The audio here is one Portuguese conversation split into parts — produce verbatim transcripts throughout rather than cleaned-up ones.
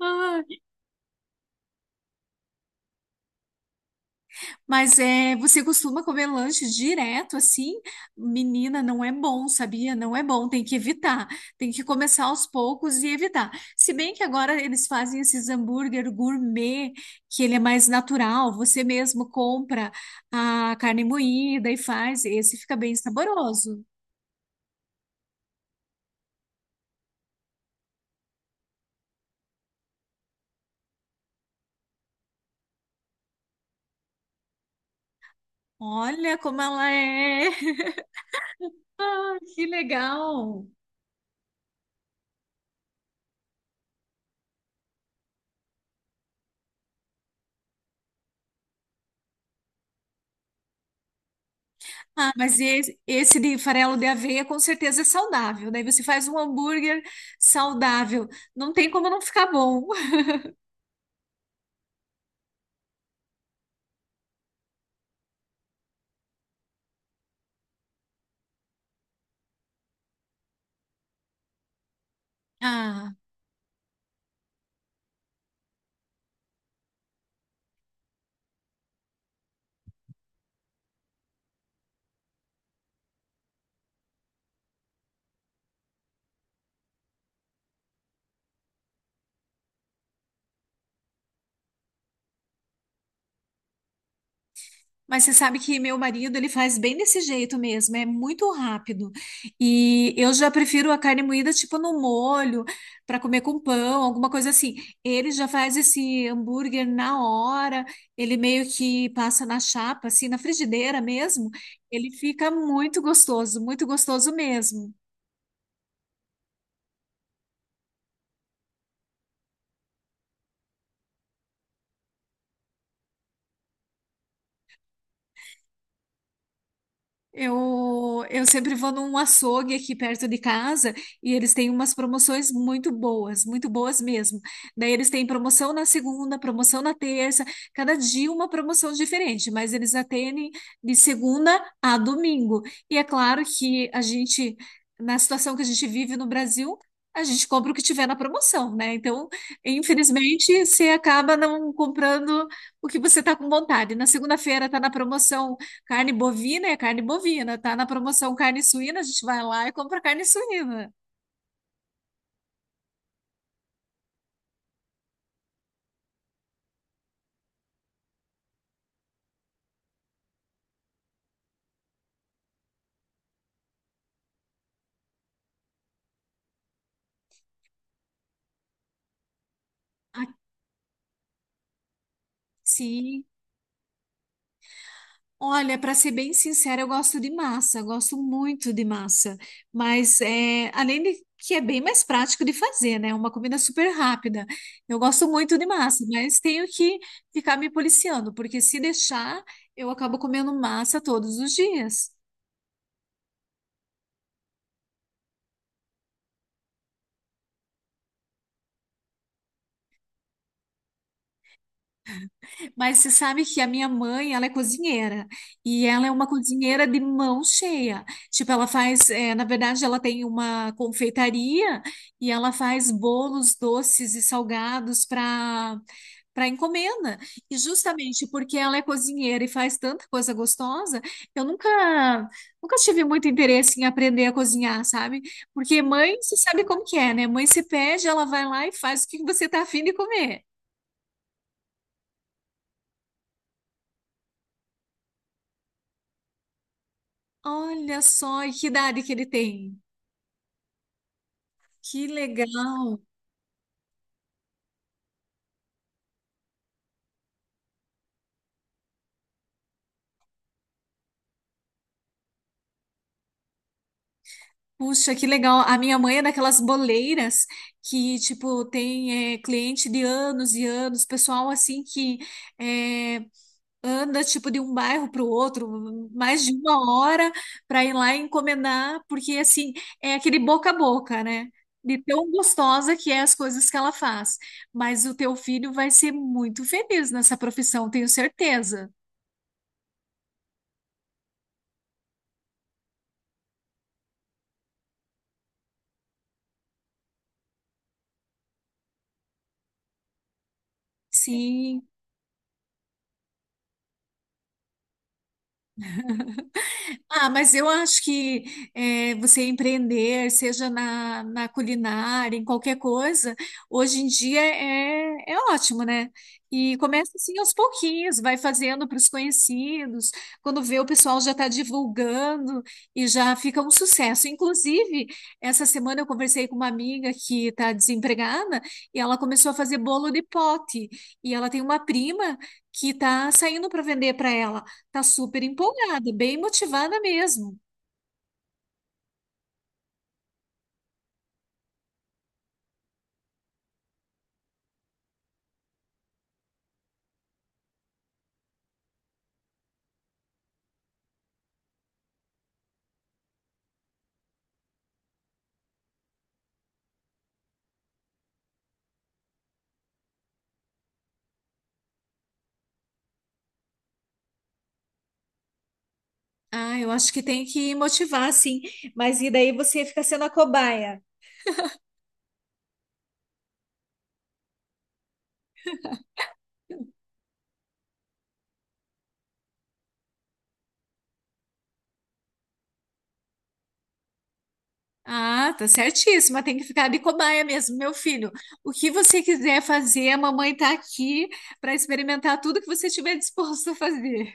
Ah, mas é, você costuma comer lanche direto assim? Menina, não é bom, sabia? Não é bom, tem que evitar. Tem que começar aos poucos e evitar. Se bem que agora eles fazem esses hambúrguer gourmet, que ele é mais natural, você mesmo compra a carne moída e faz, esse fica bem saboroso. Olha como ela é! Que legal! Ah, mas esse, esse de farelo de aveia com certeza é saudável. Daí você faz um hambúrguer saudável. Não tem como não ficar bom. Ah, mas você sabe que meu marido ele faz bem desse jeito mesmo, é muito rápido. E eu já prefiro a carne moída tipo no molho, para comer com pão, alguma coisa assim. Ele já faz esse hambúrguer na hora, ele meio que passa na chapa, assim, na frigideira mesmo. Ele fica muito gostoso, muito gostoso mesmo. Eu, eu sempre vou num açougue aqui perto de casa e eles têm umas promoções muito boas, muito boas mesmo. Daí eles têm promoção na segunda, promoção na terça, cada dia uma promoção diferente, mas eles atendem de segunda a domingo. E é claro que a gente, na situação que a gente vive no Brasil, a gente compra o que tiver na promoção, né? Então, infelizmente, você acaba não comprando o que você está com vontade. Na segunda-feira está na promoção. Carne bovina é carne bovina, tá na promoção carne suína, a gente vai lá e compra carne suína. Aqui, olha, para ser bem sincera, eu gosto de massa, eu gosto muito de massa, mas é, além de que é bem mais prático de fazer, né? É uma comida super rápida. Eu gosto muito de massa, mas tenho que ficar me policiando, porque se deixar, eu acabo comendo massa todos os dias. Mas você sabe que a minha mãe, ela é cozinheira. E ela é uma cozinheira de mão cheia. Tipo, ela faz, eh, na verdade, ela tem uma confeitaria e ela faz bolos doces e salgados para para encomenda. E justamente porque ela é cozinheira e faz tanta coisa gostosa, eu nunca nunca tive muito interesse em aprender a cozinhar, sabe? Porque mãe, você sabe como que é, né? Mãe se pede, ela vai lá e faz o que você tá afim de comer. Olha só, e que idade que ele tem. Que legal. Puxa, que legal. A minha mãe é daquelas boleiras que, tipo, tem é, cliente de anos e anos, pessoal assim que é, anda, tipo, de um bairro para o outro, mais de uma hora para ir lá encomendar, porque, assim, é aquele boca a boca, né? De tão gostosa que é as coisas que ela faz. Mas o teu filho vai ser muito feliz nessa profissão, tenho certeza. Sim. Ah, mas eu acho que eh, você empreender, seja na, na culinária, em qualquer coisa, hoje em dia é, é ótimo, né? E começa assim aos pouquinhos, vai fazendo para os conhecidos, quando vê o pessoal já está divulgando e já fica um sucesso. Inclusive, essa semana eu conversei com uma amiga que está desempregada e ela começou a fazer bolo de pote. E ela tem uma prima que está saindo para vender para ela. Tá super empolgada, bem motivada mesmo. Ah, eu acho que tem que motivar, sim. Mas e daí você fica sendo a cobaia? Ah, tá certíssima. Tem que ficar de cobaia mesmo, meu filho. O que você quiser fazer, a mamãe tá aqui para experimentar tudo que você tiver disposto a fazer.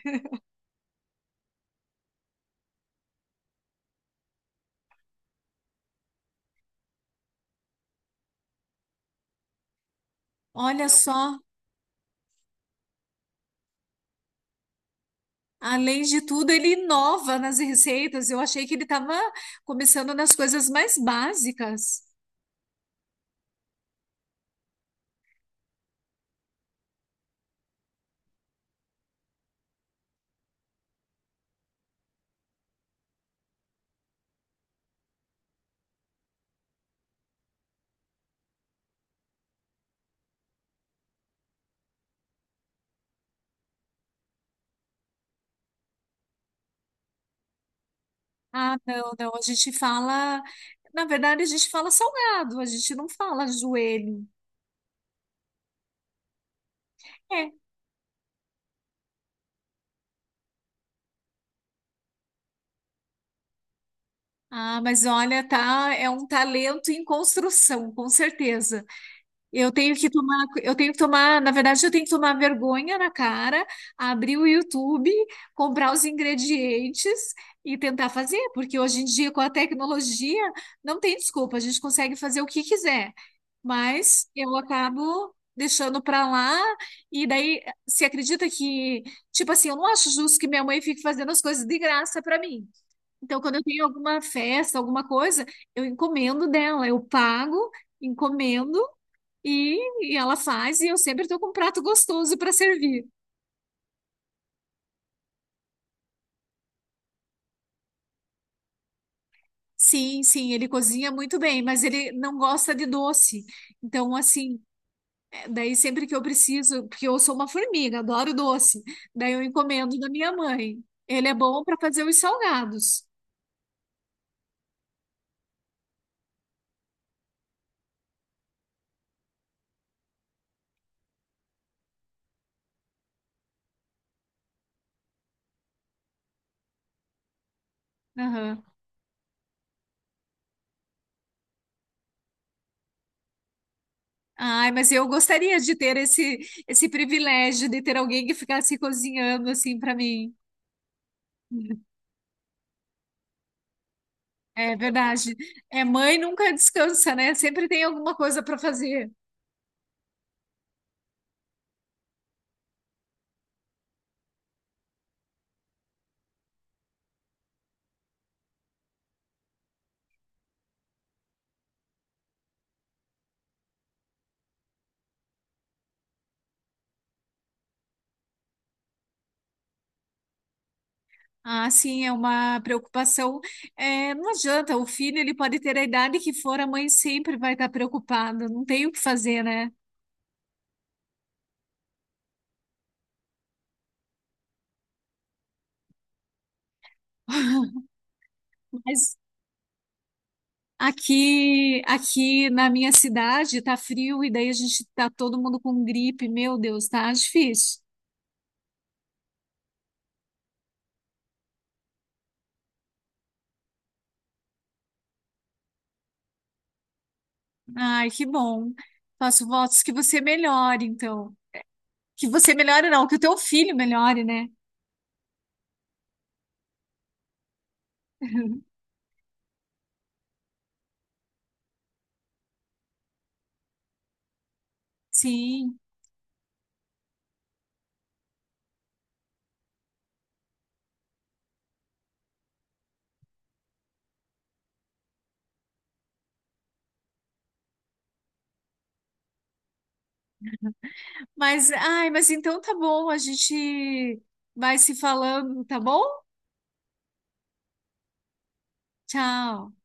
Olha só, além de tudo, ele inova nas receitas. Eu achei que ele estava começando nas coisas mais básicas. Ah, não, não, a gente fala, na verdade a gente fala salgado, a gente não fala joelho. É. Ah, mas olha, tá, é um talento em construção, com certeza. Eu tenho que tomar, eu tenho que tomar, na verdade, eu tenho que tomar vergonha na cara, abrir o YouTube, comprar os ingredientes e tentar fazer, porque hoje em dia, com a tecnologia, não tem desculpa, a gente consegue fazer o que quiser. Mas eu acabo deixando pra lá, e daí se acredita que, tipo assim, eu não acho justo que minha mãe fique fazendo as coisas de graça pra mim. Então, quando eu tenho alguma festa, alguma coisa, eu encomendo dela, eu pago, encomendo. E, e ela faz, e eu sempre estou com um prato gostoso para servir. Sim, sim, ele cozinha muito bem, mas ele não gosta de doce. Então, assim, é, daí sempre que eu preciso, porque eu sou uma formiga, adoro doce, daí eu encomendo da minha mãe. Ele é bom para fazer os salgados. Aham. Ai, mas eu gostaria de ter esse, esse privilégio de ter alguém que ficasse cozinhando assim para mim. É verdade. É, mãe nunca descansa, né? Sempre tem alguma coisa para fazer. Ah, sim, é uma preocupação. É, não adianta, o filho ele pode ter a idade que for, a mãe sempre vai estar preocupada, não tem o que fazer, né? Mas aqui, aqui na minha cidade tá frio e daí a gente tá todo mundo com gripe, meu Deus, tá difícil. Ai, que bom. Faço votos que você melhore, então. Que você melhore, não, que o teu filho melhore, né? Sim. Mas, ai, mas então tá bom, a gente vai se falando, tá bom? Tchau.